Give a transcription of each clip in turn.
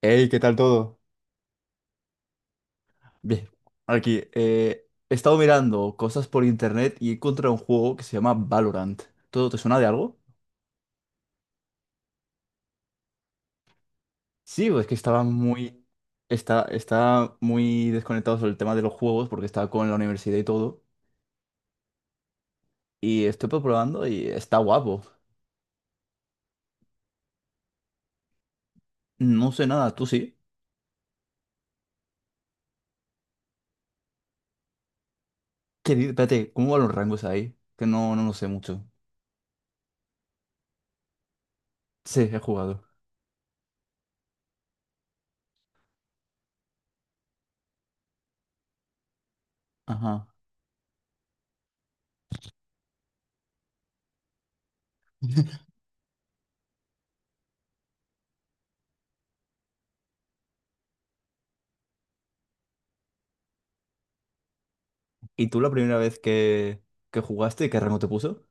Hey, ¿qué tal todo? Bien, aquí he estado mirando cosas por internet y he encontrado un juego que se llama Valorant. ¿Todo te suena de algo? Sí, pues está, está muy desconectado sobre el tema de los juegos porque estaba con la universidad y todo. Y estoy probando y está guapo. No sé nada, tú sí. Espérate, ¿cómo van los rangos ahí? Que no, no lo sé mucho. Sí, he jugado. Ajá. ¿Y tú la primera vez que jugaste, qué rango te puso?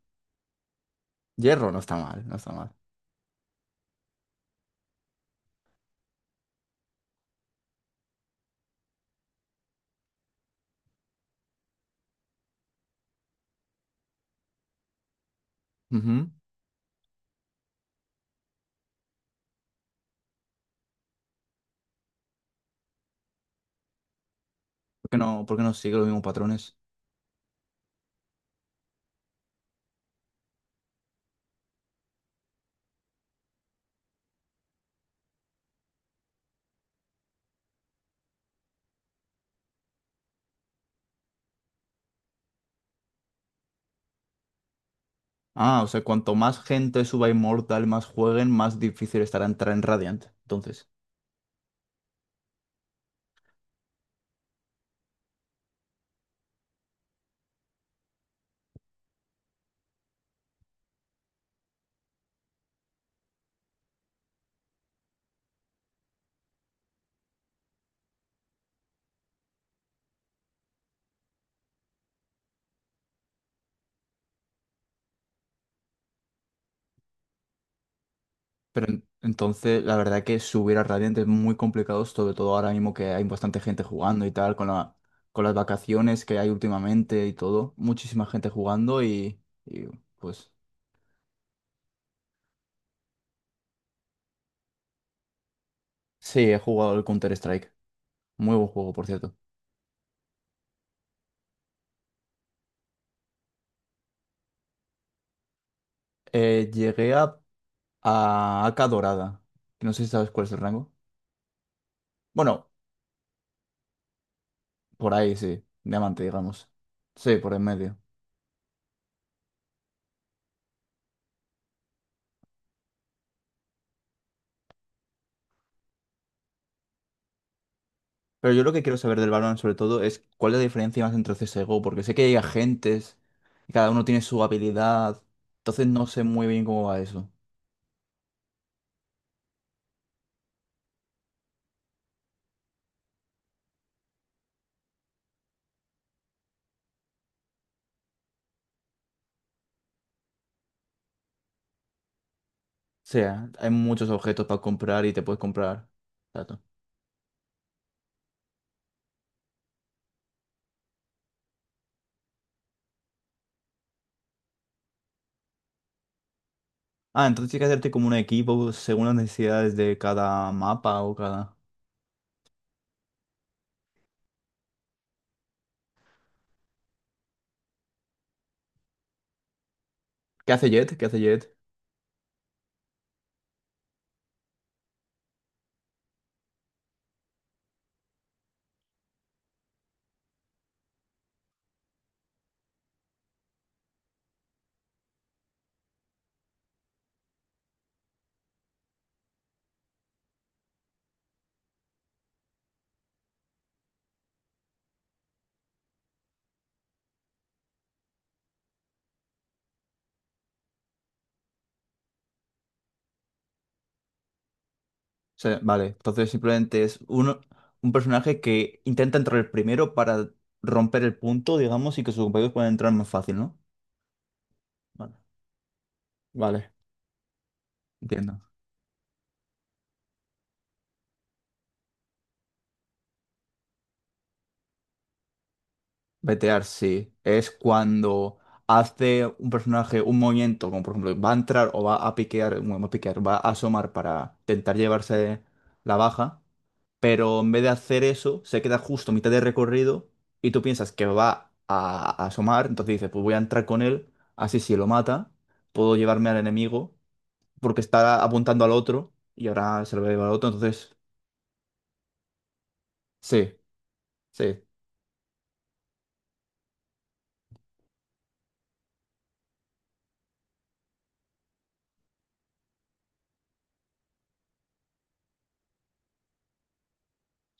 Hierro, no está mal, no está mal. ¿Por qué no sigue los mismos patrones? Ah, o sea, cuanto más gente suba a Immortal, más jueguen, más difícil estará entrar en Radiant. Entonces, entonces la verdad que subir a Radiant es muy complicado, sobre todo ahora mismo que hay bastante gente jugando y tal, con las vacaciones que hay últimamente y todo. Muchísima gente jugando y pues sí, he jugado el Counter-Strike. Muy buen juego, por cierto. Llegué a AK Dorada. No sé si sabes cuál es el rango. Bueno, por ahí, sí. Diamante, digamos. Sí, por en medio. Pero yo lo que quiero saber del Valorant sobre todo es cuál es la diferencia más entre CSGO, porque sé que hay agentes y cada uno tiene su habilidad. Entonces no sé muy bien cómo va eso. O sea, hay muchos objetos para comprar y te puedes comprar. Exacto. Ah, entonces tienes que hacerte como un equipo según las necesidades de cada mapa o cada... ¿Qué hace Jet? ¿Qué hace Jet? Sea, vale, entonces simplemente es un personaje que intenta entrar el primero para romper el punto, digamos, y que sus compañeros puedan entrar más fácil, ¿no? Vale, vale. Entiendo. Betear, sí. Es cuando hace un personaje un movimiento, como por ejemplo, va a entrar o va a piquear, bueno, va a piquear, va a asomar para intentar llevarse la baja. Pero en vez de hacer eso, se queda justo a mitad de recorrido y tú piensas que a asomar, entonces dices, pues voy a entrar con él, así si lo mata, puedo llevarme al enemigo, porque está apuntando al otro y ahora se lo va a llevar al otro, entonces sí, sí, es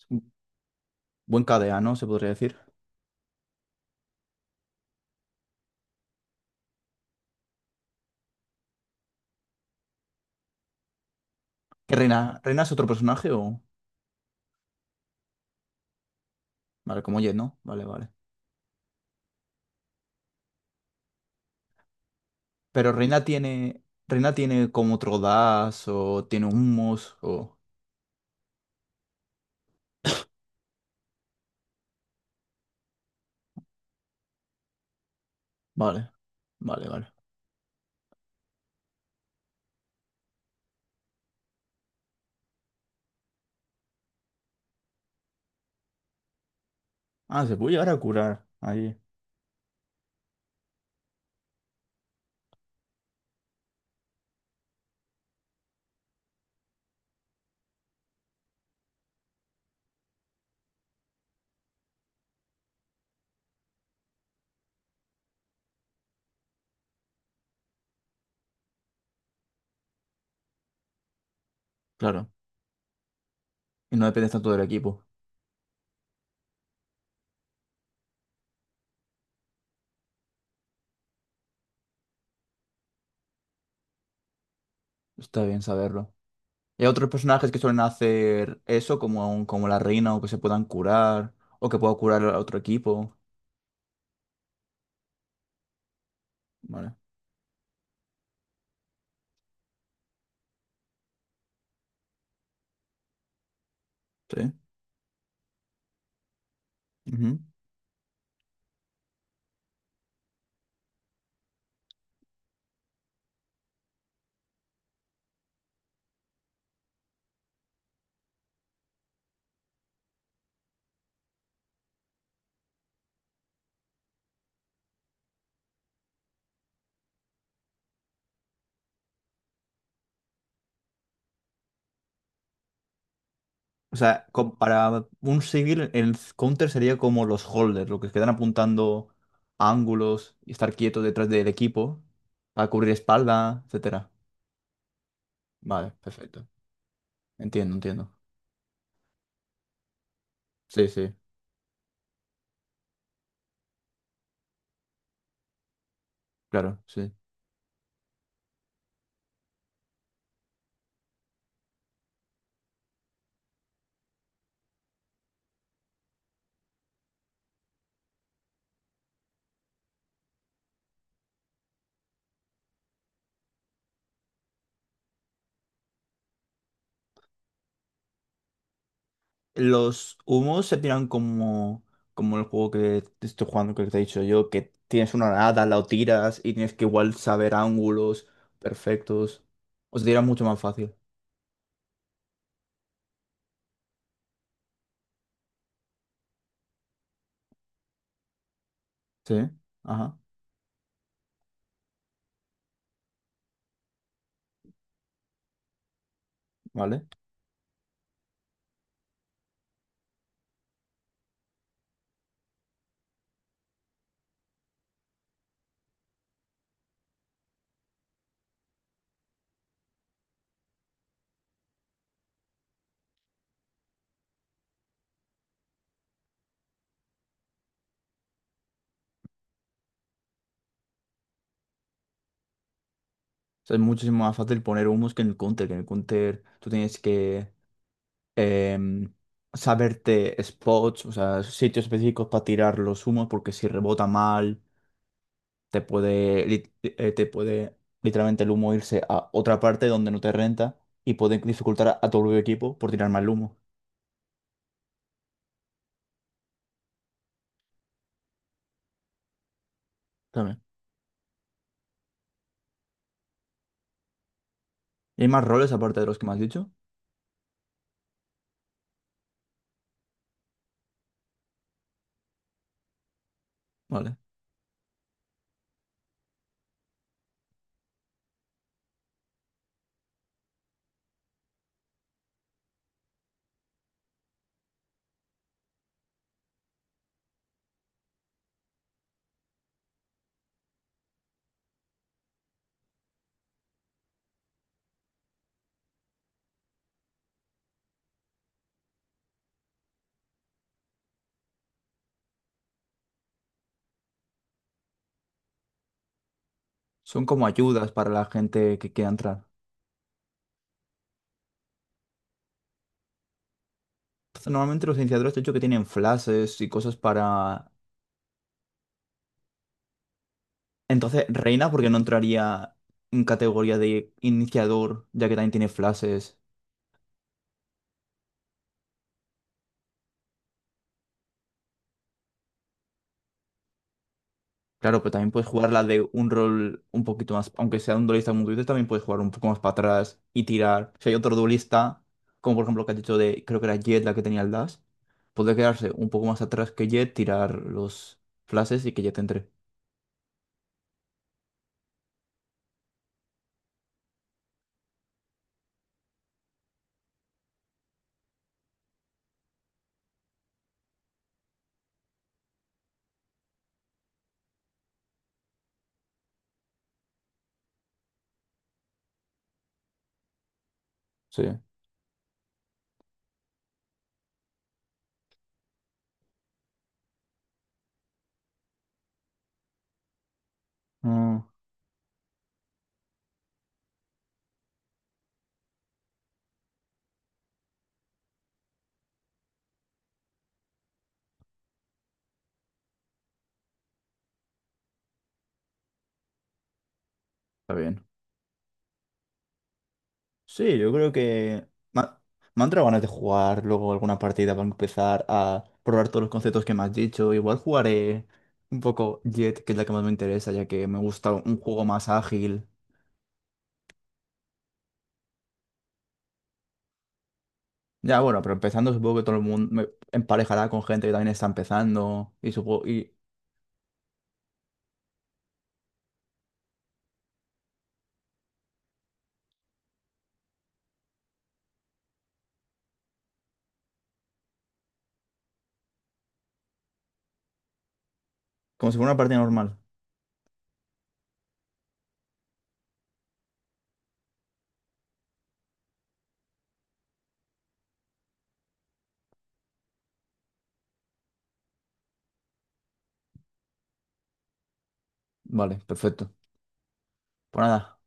un buen KDA, ¿no? Se podría decir. ¿Que Reina, Reina es otro personaje o...? Vale, como Jett, ¿no? Vale, vale. Pero Reina tiene... ¿Reina tiene como otro dash o tiene humos o...? Vale, vale, vale. Ah, se puede llegar a curar ahí. Claro. Y no dependes tanto del equipo. Está bien saberlo. Y hay otros personajes que suelen hacer eso, como, como la reina, o que se puedan curar, o que pueda curar a otro equipo. Vale. Sí. Ujú. O sea, para un civil, el counter sería como los holders, los que quedan apuntando a ángulos y estar quietos detrás del equipo para cubrir espalda, etcétera. Vale, perfecto. Entiendo, entiendo. Sí, sí, claro, sí. Los humos se tiran como, como el juego que te estoy jugando, que te he dicho yo, que tienes una nada, la tiras y tienes que igual saber ángulos perfectos. O se tira mucho más fácil. Sí, ajá, vale. O sea, es muchísimo más fácil poner humos que en el counter, que en el counter tú tienes que em, saberte spots, o sea, sitios específicos para tirar los humos, porque si rebota mal, te puede, te puede literalmente el humo irse a otra parte donde no te renta y puede dificultar a tu propio equipo por tirar más humo. También. ¿Y hay más roles aparte de los que me has dicho? Vale. Son como ayudas para la gente que quiera entrar. Entonces, normalmente los iniciadores te he dicho que tienen flashes y cosas para... Entonces, Reina, porque no entraría en categoría de iniciador, ya que también tiene flashes. Claro, pero también puedes jugar la de un rol un poquito más, aunque sea un duelista como tú dices, también puedes jugar un poco más para atrás y tirar. Si hay otro duelista, como por ejemplo lo que has dicho de, creo que era Jett la que tenía el dash, puede quedarse un poco más atrás que Jett, tirar los flashes y que Jett entre. Sí. Mm, está bien. Sí, yo creo que me ha- me han entrado ganas de jugar luego alguna partida para empezar a probar todos los conceptos que me has dicho. Igual jugaré un poco Jett, que es la que más me interesa, ya que me gusta un juego más ágil. Ya, bueno, pero empezando supongo que todo el mundo me emparejará con gente que también está empezando y supongo, y como si fuera una partida normal. Vale, perfecto. Pues nada,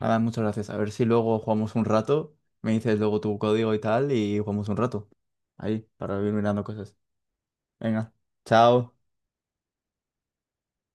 nada, muchas gracias. A ver si luego jugamos un rato, me dices luego tu código y tal y jugamos un rato. Ahí, para ir mirando cosas. Venga, chao.